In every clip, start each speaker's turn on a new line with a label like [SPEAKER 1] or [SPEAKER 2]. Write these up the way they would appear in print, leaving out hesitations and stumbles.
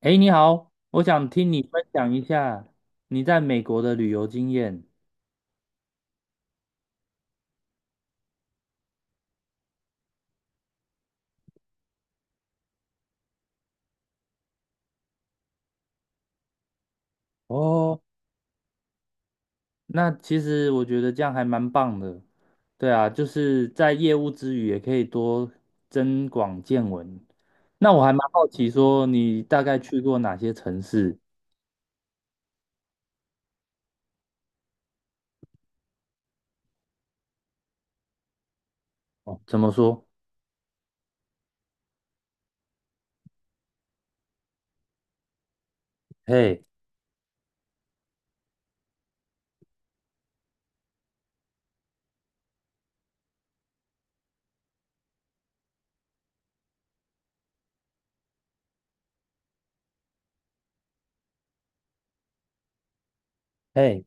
[SPEAKER 1] 哎，你好，我想听你分享一下你在美国的旅游经验。哦，那其实我觉得这样还蛮棒的。对啊，就是在业务之余也可以多增广见闻。那我还蛮好奇，说你大概去过哪些城市？哦，怎么说？嘿，嘿，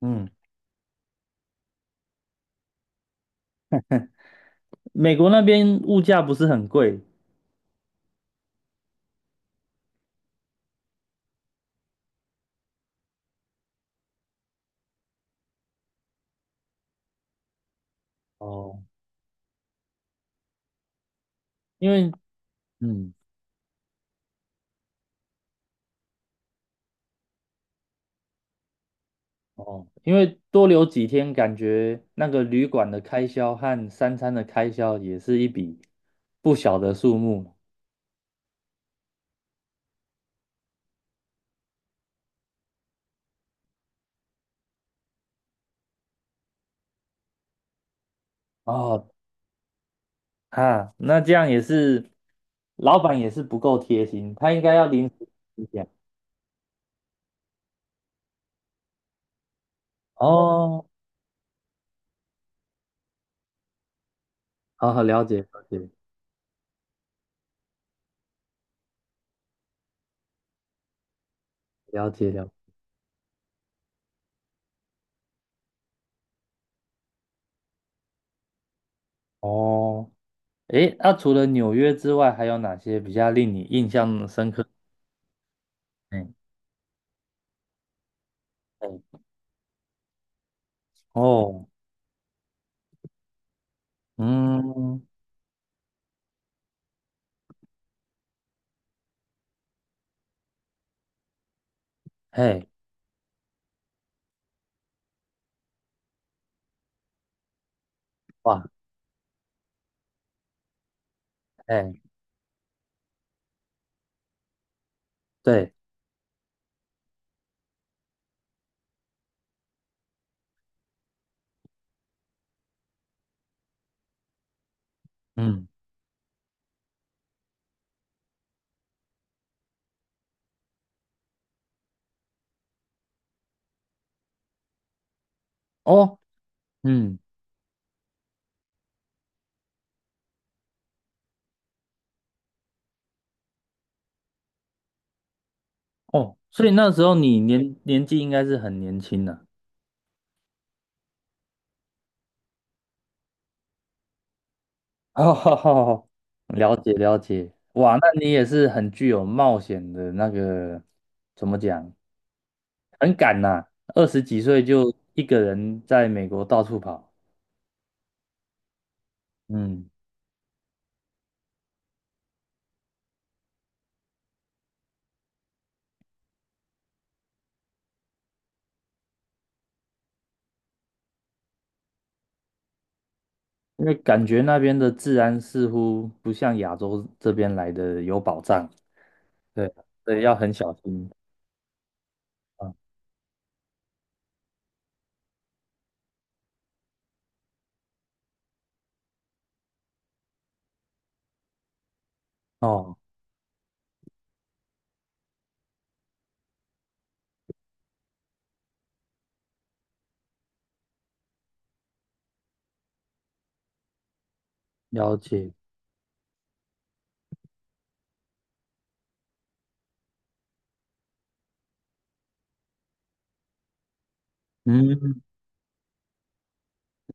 [SPEAKER 1] 嗯，美国那边物价不是很贵？哦，因为嗯。哦，因为多留几天，感觉那个旅馆的开销和三餐的开销也是一笔不小的数目。哦，啊，那这样也是，老板也是不够贴心，他应该要临时一下。哦，好好了解了解了解了。哦，诶，那，除了纽约之外，还有哪些比较令你印象深刻？嗯，哎，哦，嗯，嘿，哇，哎，对，嗯，哦，嗯。哦，所以那时候你年纪应该是很年轻的。哦，了解了解，哇，那你也是很具有冒险的那个，怎么讲，很敢呐，二十几岁就一个人在美国到处跑。嗯，因为感觉那边的治安似乎不像亚洲这边来的有保障，对，所以要很小心啊。哦，了解，嗯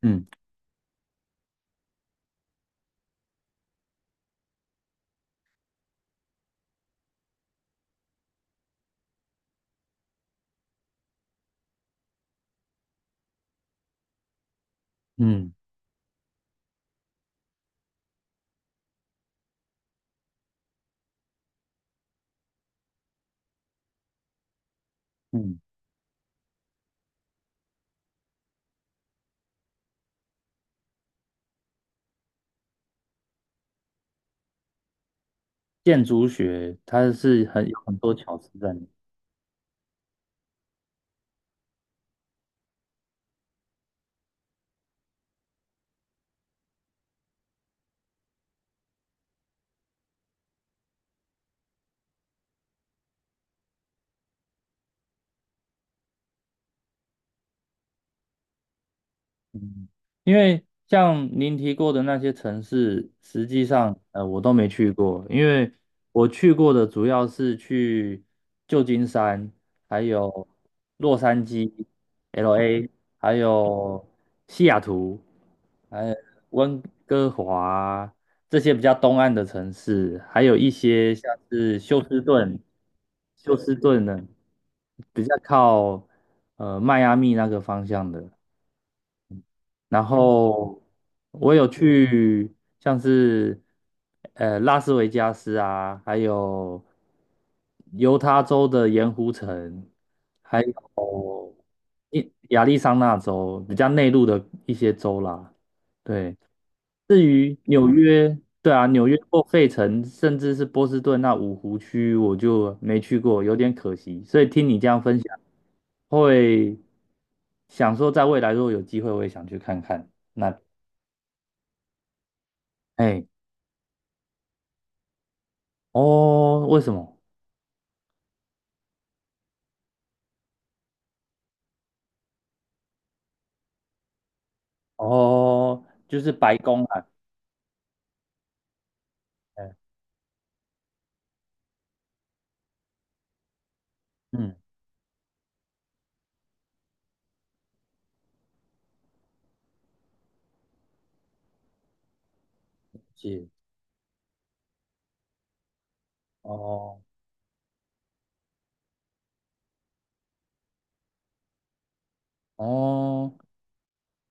[SPEAKER 1] 嗯嗯嗯。建筑学它是很有很多巧思在里。嗯，因为像您提过的那些城市，实际上我都没去过。因为我去过的主要是去旧金山，还有洛杉矶、LA，还有西雅图，还有温哥华，这些比较东岸的城市。还有一些像是休斯顿的，比较靠迈阿密那个方向的。然后我有去像是拉斯维加斯啊，还有犹他州的盐湖城，还有亚利桑那州比较内陆的一些州啦。对，至于纽约，对啊，纽约或费城，甚至是波士顿那五湖区，我就没去过，有点可惜。所以听你这样分享，会想说在未来如果有机会，我也想去看看那。哎。哦，为什么？哦，就是白宫啊，嗯嗯，是，哦哦，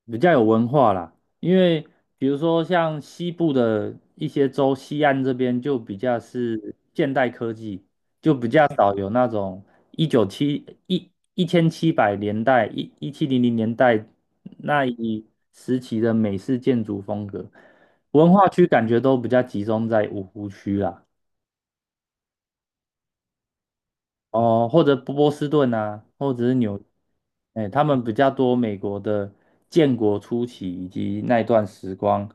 [SPEAKER 1] 比较有文化啦。因为比如说像西部的一些州，西岸这边就比较是现代科技，就比较少有那种一九七一一千七百年代一一七零零年代那一时期的美式建筑风格。文化区感觉都比较集中在五湖区啦。哦，或者波士顿啊，或者是纽，哎，他们比较多美国的建国初期以及那一段时光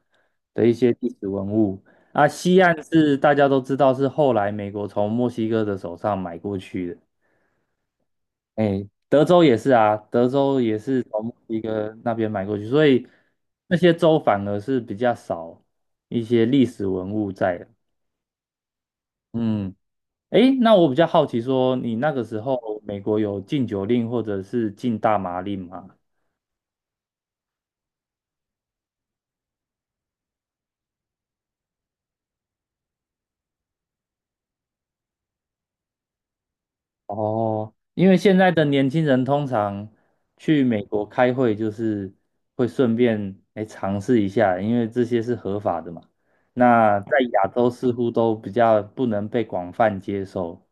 [SPEAKER 1] 的一些历史文物啊。西岸是大家都知道是后来美国从墨西哥的手上买过去的，哎，德州也是啊，德州也是从墨西哥那边买过去，所以那些州反而是比较少一些历史文物在的，嗯。诶，那我比较好奇说，你那个时候美国有禁酒令或者是禁大麻令吗？哦，因为现在的年轻人通常去美国开会，就是会顺便来尝试一下，因为这些是合法的嘛。那在亚洲似乎都比较不能被广泛接受，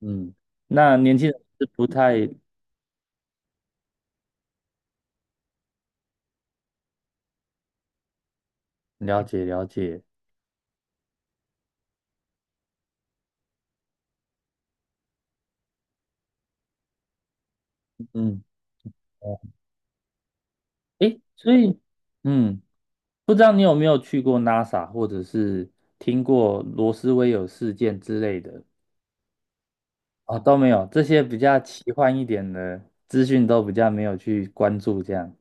[SPEAKER 1] 嗯，那年轻人是不太了解了解，嗯，哎，所以。嗯。不知道你有没有去过 NASA，或者是听过罗斯威尔事件之类的啊？都没有，这些比较奇幻一点的资讯都比较没有去关注。这样，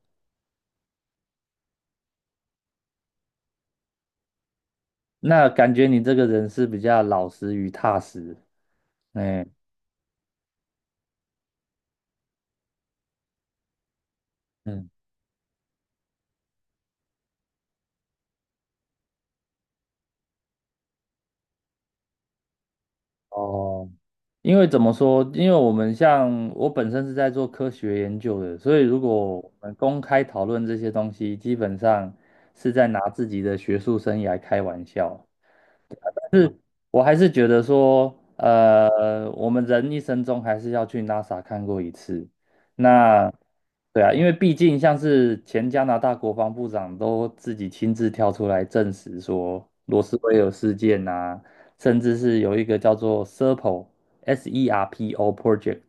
[SPEAKER 1] 那感觉你这个人是比较老实与踏实。哎，嗯，哦，因为怎么说？因为我们像我本身是在做科学研究的，所以如果我们公开讨论这些东西，基本上是在拿自己的学术生涯开玩笑。我还是觉得说，我们人一生中还是要去 NASA 看过一次。那对啊，因为毕竟像是前加拿大国防部长都自己亲自跳出来证实说罗斯威尔事件啊，甚至是有一个叫做 SERPO（S-E-R-P-O） project，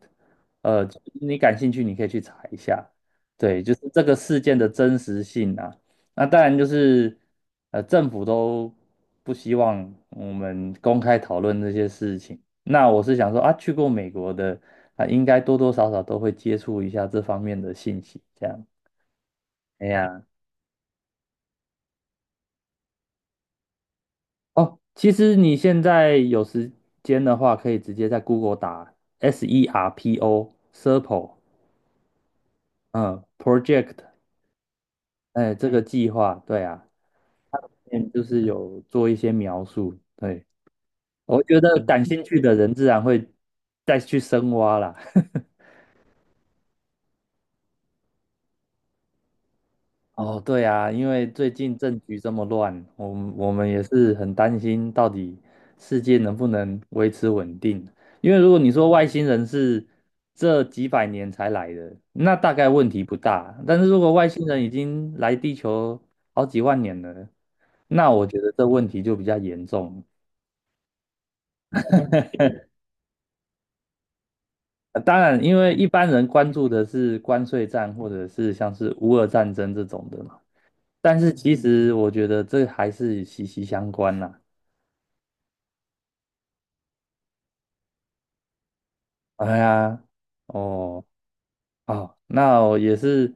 [SPEAKER 1] 呃，你感兴趣你可以去查一下。对，就是这个事件的真实性啊。那当然就是，政府都不希望我们公开讨论这些事情。那我是想说啊，去过美国的啊，应该多多少少都会接触一下这方面的信息。这样，哎呀，哦，其实你现在有时间的话，可以直接在 Google 打 SERPO SERPO，嗯，Project，哎，这个计划，对啊，嗯就是有做一些描述。对。我觉得感兴趣的人自然会再去深挖啦。哦，对啊，因为最近政局这么乱，我们也是很担心到底世界能不能维持稳定。因为如果你说外星人是这几百年才来的，那大概问题不大。但是如果外星人已经来地球好几万年了，那我觉得这问题就比较严重。当然，因为一般人关注的是关税战或者是像是乌俄战争这种的嘛，但是其实我觉得这还是息息相关啦。哎呀，哦，哦，那我也是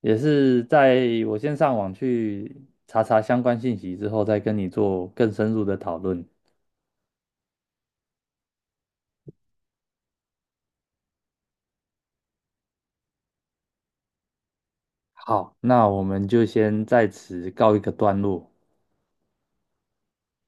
[SPEAKER 1] 在我先上网去查查相关信息之后，再跟你做更深入的讨论。好，那我们就先在此告一个段落。